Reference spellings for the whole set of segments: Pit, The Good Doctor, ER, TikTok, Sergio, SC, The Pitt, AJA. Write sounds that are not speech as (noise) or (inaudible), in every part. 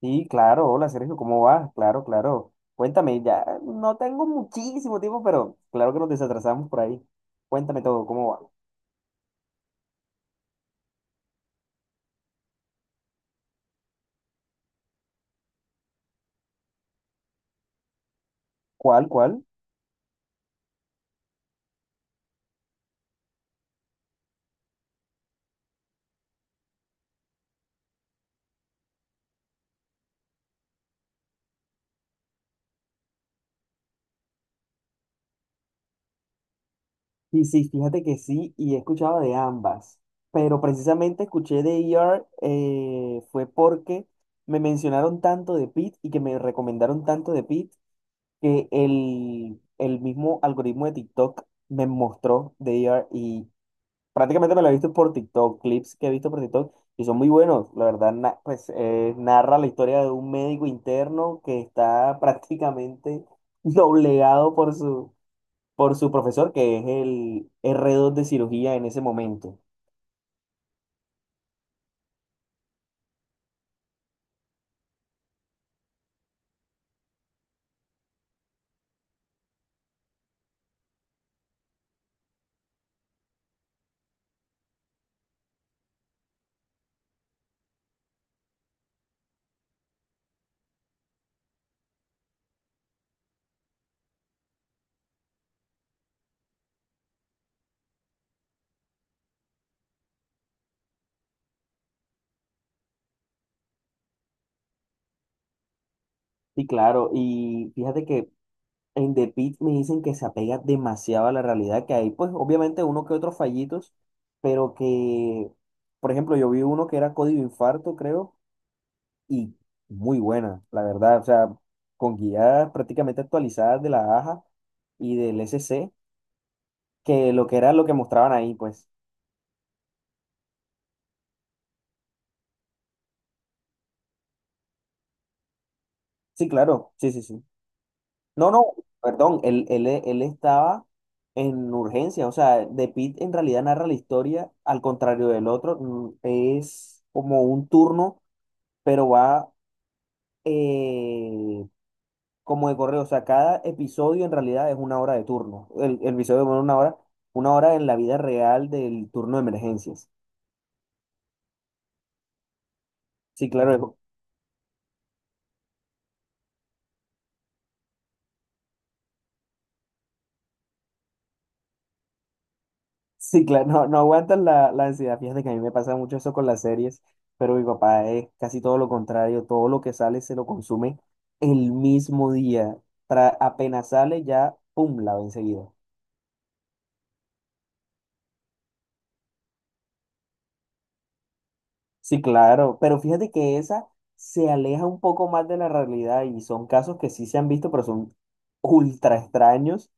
Sí, claro, hola Sergio, ¿cómo vas? Claro, claro. Cuéntame, ya no tengo muchísimo tiempo, pero claro que nos desatrasamos por ahí. Cuéntame todo, ¿cómo va? ¿Cuál, cuál? Sí, sí, fíjate que sí, y he escuchado de ambas, pero precisamente escuché de ER fue porque me mencionaron tanto de Pit y que me recomendaron tanto de Pit que el mismo algoritmo de TikTok me mostró de ER. Prácticamente me lo he visto por TikTok, clips que he visto por TikTok, y son muy buenos. La verdad, narra la historia de un médico interno que está (laughs) prácticamente doblegado por por su profesor, que es el R2 de cirugía en ese momento. Y claro, y fíjate que en The Pitt me dicen que se apega demasiado a la realidad que hay, pues obviamente uno que otros fallitos, pero por ejemplo, yo vi uno que era código infarto, creo, y muy buena, la verdad. O sea, con guías prácticamente actualizadas de la AJA y del SC, que lo que era lo que mostraban ahí, pues. Sí, claro, sí, sí, sí. No, no, perdón, él estaba en urgencia, o sea, The Pitt en realidad narra la historia, al contrario del otro, es como un turno, pero va eh, como de correo. O sea, cada episodio en realidad es una hora de turno. El episodio, bueno, una hora en la vida real del turno de emergencias. Sí, claro, hijo. (laughs) Sí, claro, no, no aguantan la ansiedad. Fíjate que a mí me pasa mucho eso con las series, pero mi papá es casi todo lo contrario. Todo lo que sale se lo consume el mismo día. Apenas sale ya, pum, la ve enseguida. Sí, claro, pero fíjate que esa se aleja un poco más de la realidad y son casos que sí se han visto, pero son ultra extraños.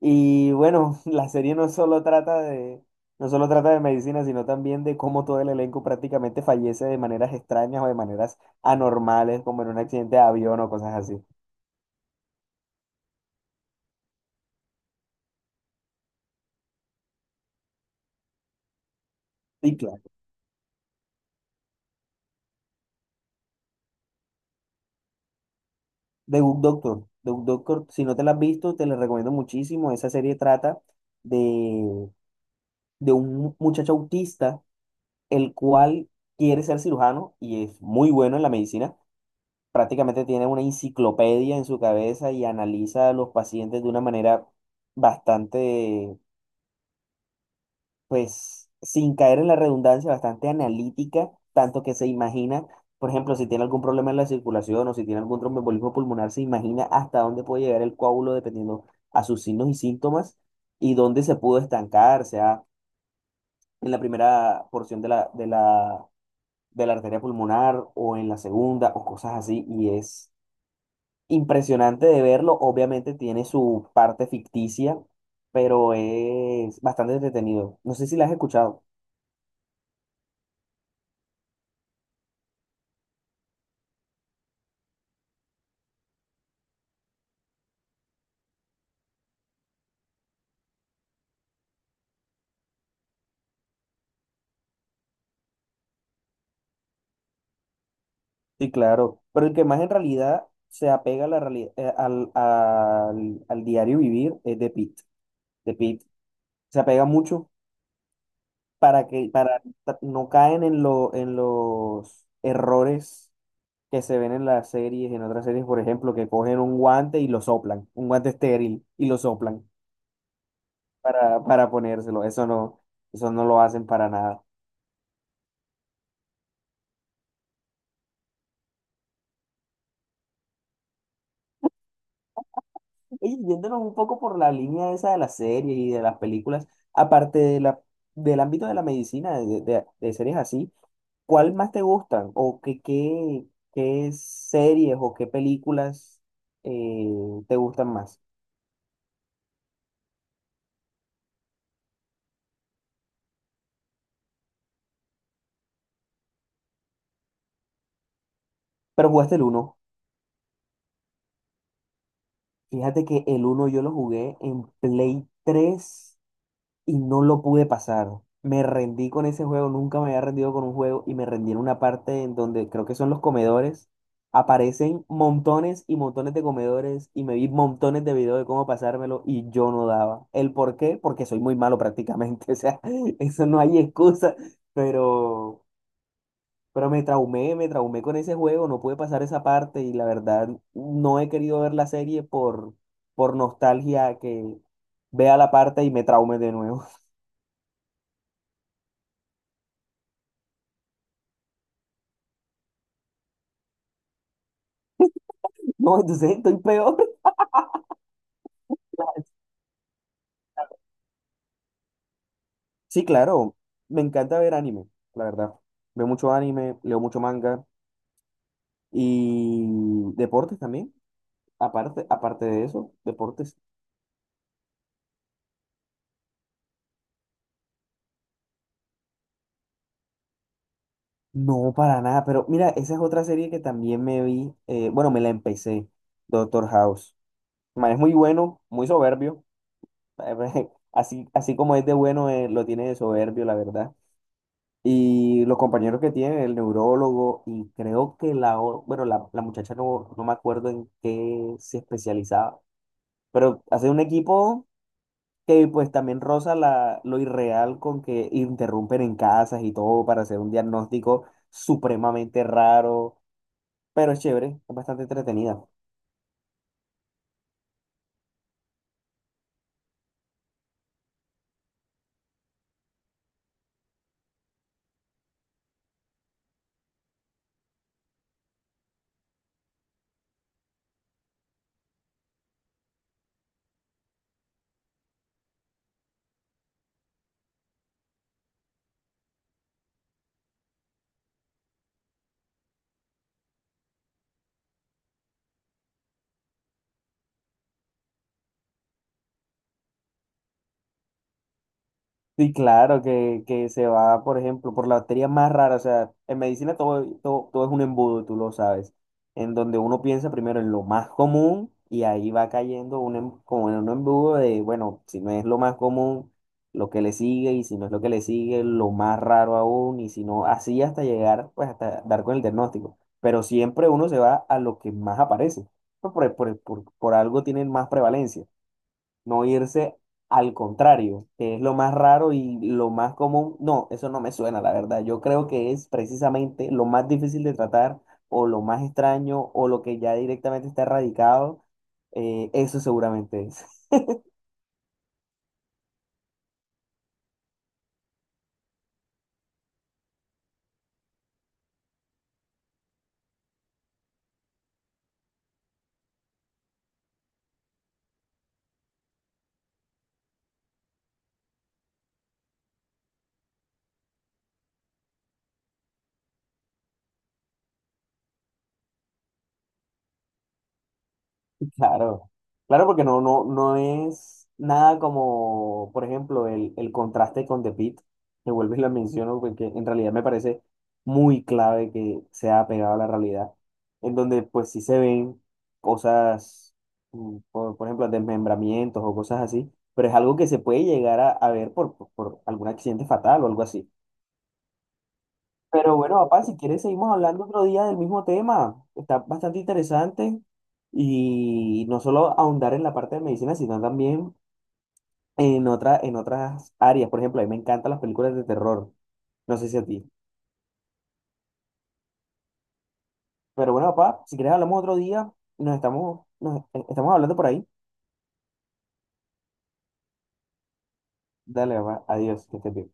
Y bueno, (laughs) la serie no solo trata de medicina, sino también de cómo todo el elenco prácticamente fallece de maneras extrañas o de maneras anormales, como en un accidente de avión o cosas así. Sí, claro. The Good Doctor. The Good Doctor, si no te la has visto, te la recomiendo muchísimo. Esa serie trata de, de un muchacho autista el cual quiere ser cirujano y es muy bueno en la medicina. Prácticamente tiene una enciclopedia en su cabeza y analiza a los pacientes de una manera bastante, pues, sin caer en la redundancia, bastante analítica, tanto que se imagina, por ejemplo, si tiene algún problema en la circulación o si tiene algún tromboembolismo pulmonar, se imagina hasta dónde puede llegar el coágulo dependiendo a sus signos y síntomas y dónde se pudo estancar, sea en la primera porción de la arteria pulmonar o en la segunda o cosas así, y es impresionante de verlo. Obviamente tiene su parte ficticia, pero es bastante entretenido. No sé si la has escuchado. Sí, claro. Pero el que más en realidad se apega a la al, al diario vivir es de Pitt. De Pitt se apega mucho para que no caen en lo, en los errores que se ven en las series, en otras series, por ejemplo, que cogen un guante y lo soplan, un guante estéril y lo soplan para ponérselo. Eso no lo hacen para nada. Oye, yéndonos un poco por la línea esa de las series y de las películas, aparte de del ámbito de la medicina, de series así, ¿cuál más te gustan? ¿O qué series o qué películas eh, te gustan más? Pero jugaste el uno. Fíjate que el uno yo lo jugué en Play 3 y no lo pude pasar. Me rendí con ese juego, nunca me había rendido con un juego y me rendí en una parte en donde creo que son los comedores. Aparecen montones y montones de comedores y me vi montones de videos de cómo pasármelo y yo no daba. ¿El por qué? Porque soy muy malo prácticamente, (laughs) o sea, eso no hay excusa, pero, pero me traumé con ese juego, no pude pasar esa parte y la verdad no he querido ver la serie por nostalgia que vea la parte y me traume de nuevo. No, entonces estoy peor. (laughs) Sí, claro, me encanta ver anime, la verdad. Veo mucho anime, leo mucho manga y deportes también. Aparte de eso, deportes. No, para nada, pero mira, esa es otra serie que también me vi, bueno, me la empecé, Doctor House. El Man, es muy bueno, muy soberbio. (laughs) Así, así como es de bueno, lo tiene de soberbio, la verdad. Y los compañeros que tiene, el neurólogo, y creo que bueno, la muchacha no, no me acuerdo en qué se especializaba, pero hace un equipo que pues también roza lo irreal con que interrumpen en casas y todo para hacer un diagnóstico supremamente raro, pero es chévere, es bastante entretenida. Sí, claro, que se va, por ejemplo, por la bacteria más rara. O sea, en medicina todo es un embudo, tú lo sabes. En donde uno piensa primero en lo más común y ahí va cayendo como en un embudo de, bueno, si no es lo más común, lo que le sigue, y si no es lo que le sigue, lo más raro aún, y si no, así hasta llegar, pues hasta dar con el diagnóstico. Pero siempre uno se va a lo que más aparece. Pues por algo tienen más prevalencia, no irse al contrario, que es lo más raro y lo más común. No, eso no me suena, la verdad. Yo creo que es precisamente lo más difícil de tratar o lo más extraño o lo que ya directamente está erradicado. Eso seguramente es. Claro, claro, porque no, no, no es nada como, por ejemplo, el contraste con The Pitt, que vuelvo y lo menciono, porque en realidad me parece muy clave que sea apegado a la realidad, en donde pues sí se ven cosas, por, ejemplo, desmembramientos o cosas así, pero es algo que se puede llegar a ver por algún accidente fatal o algo así. Pero bueno, papá, si quieres seguimos hablando otro día del mismo tema. Está bastante interesante y no solo ahondar en la parte de medicina, sino también en otra, en otras áreas. Por ejemplo, a mí me encantan las películas de terror. No sé si a ti. Pero bueno, papá, si quieres hablamos otro día. Nos estamos hablando por ahí. Dale, papá. Adiós. Que estés bien.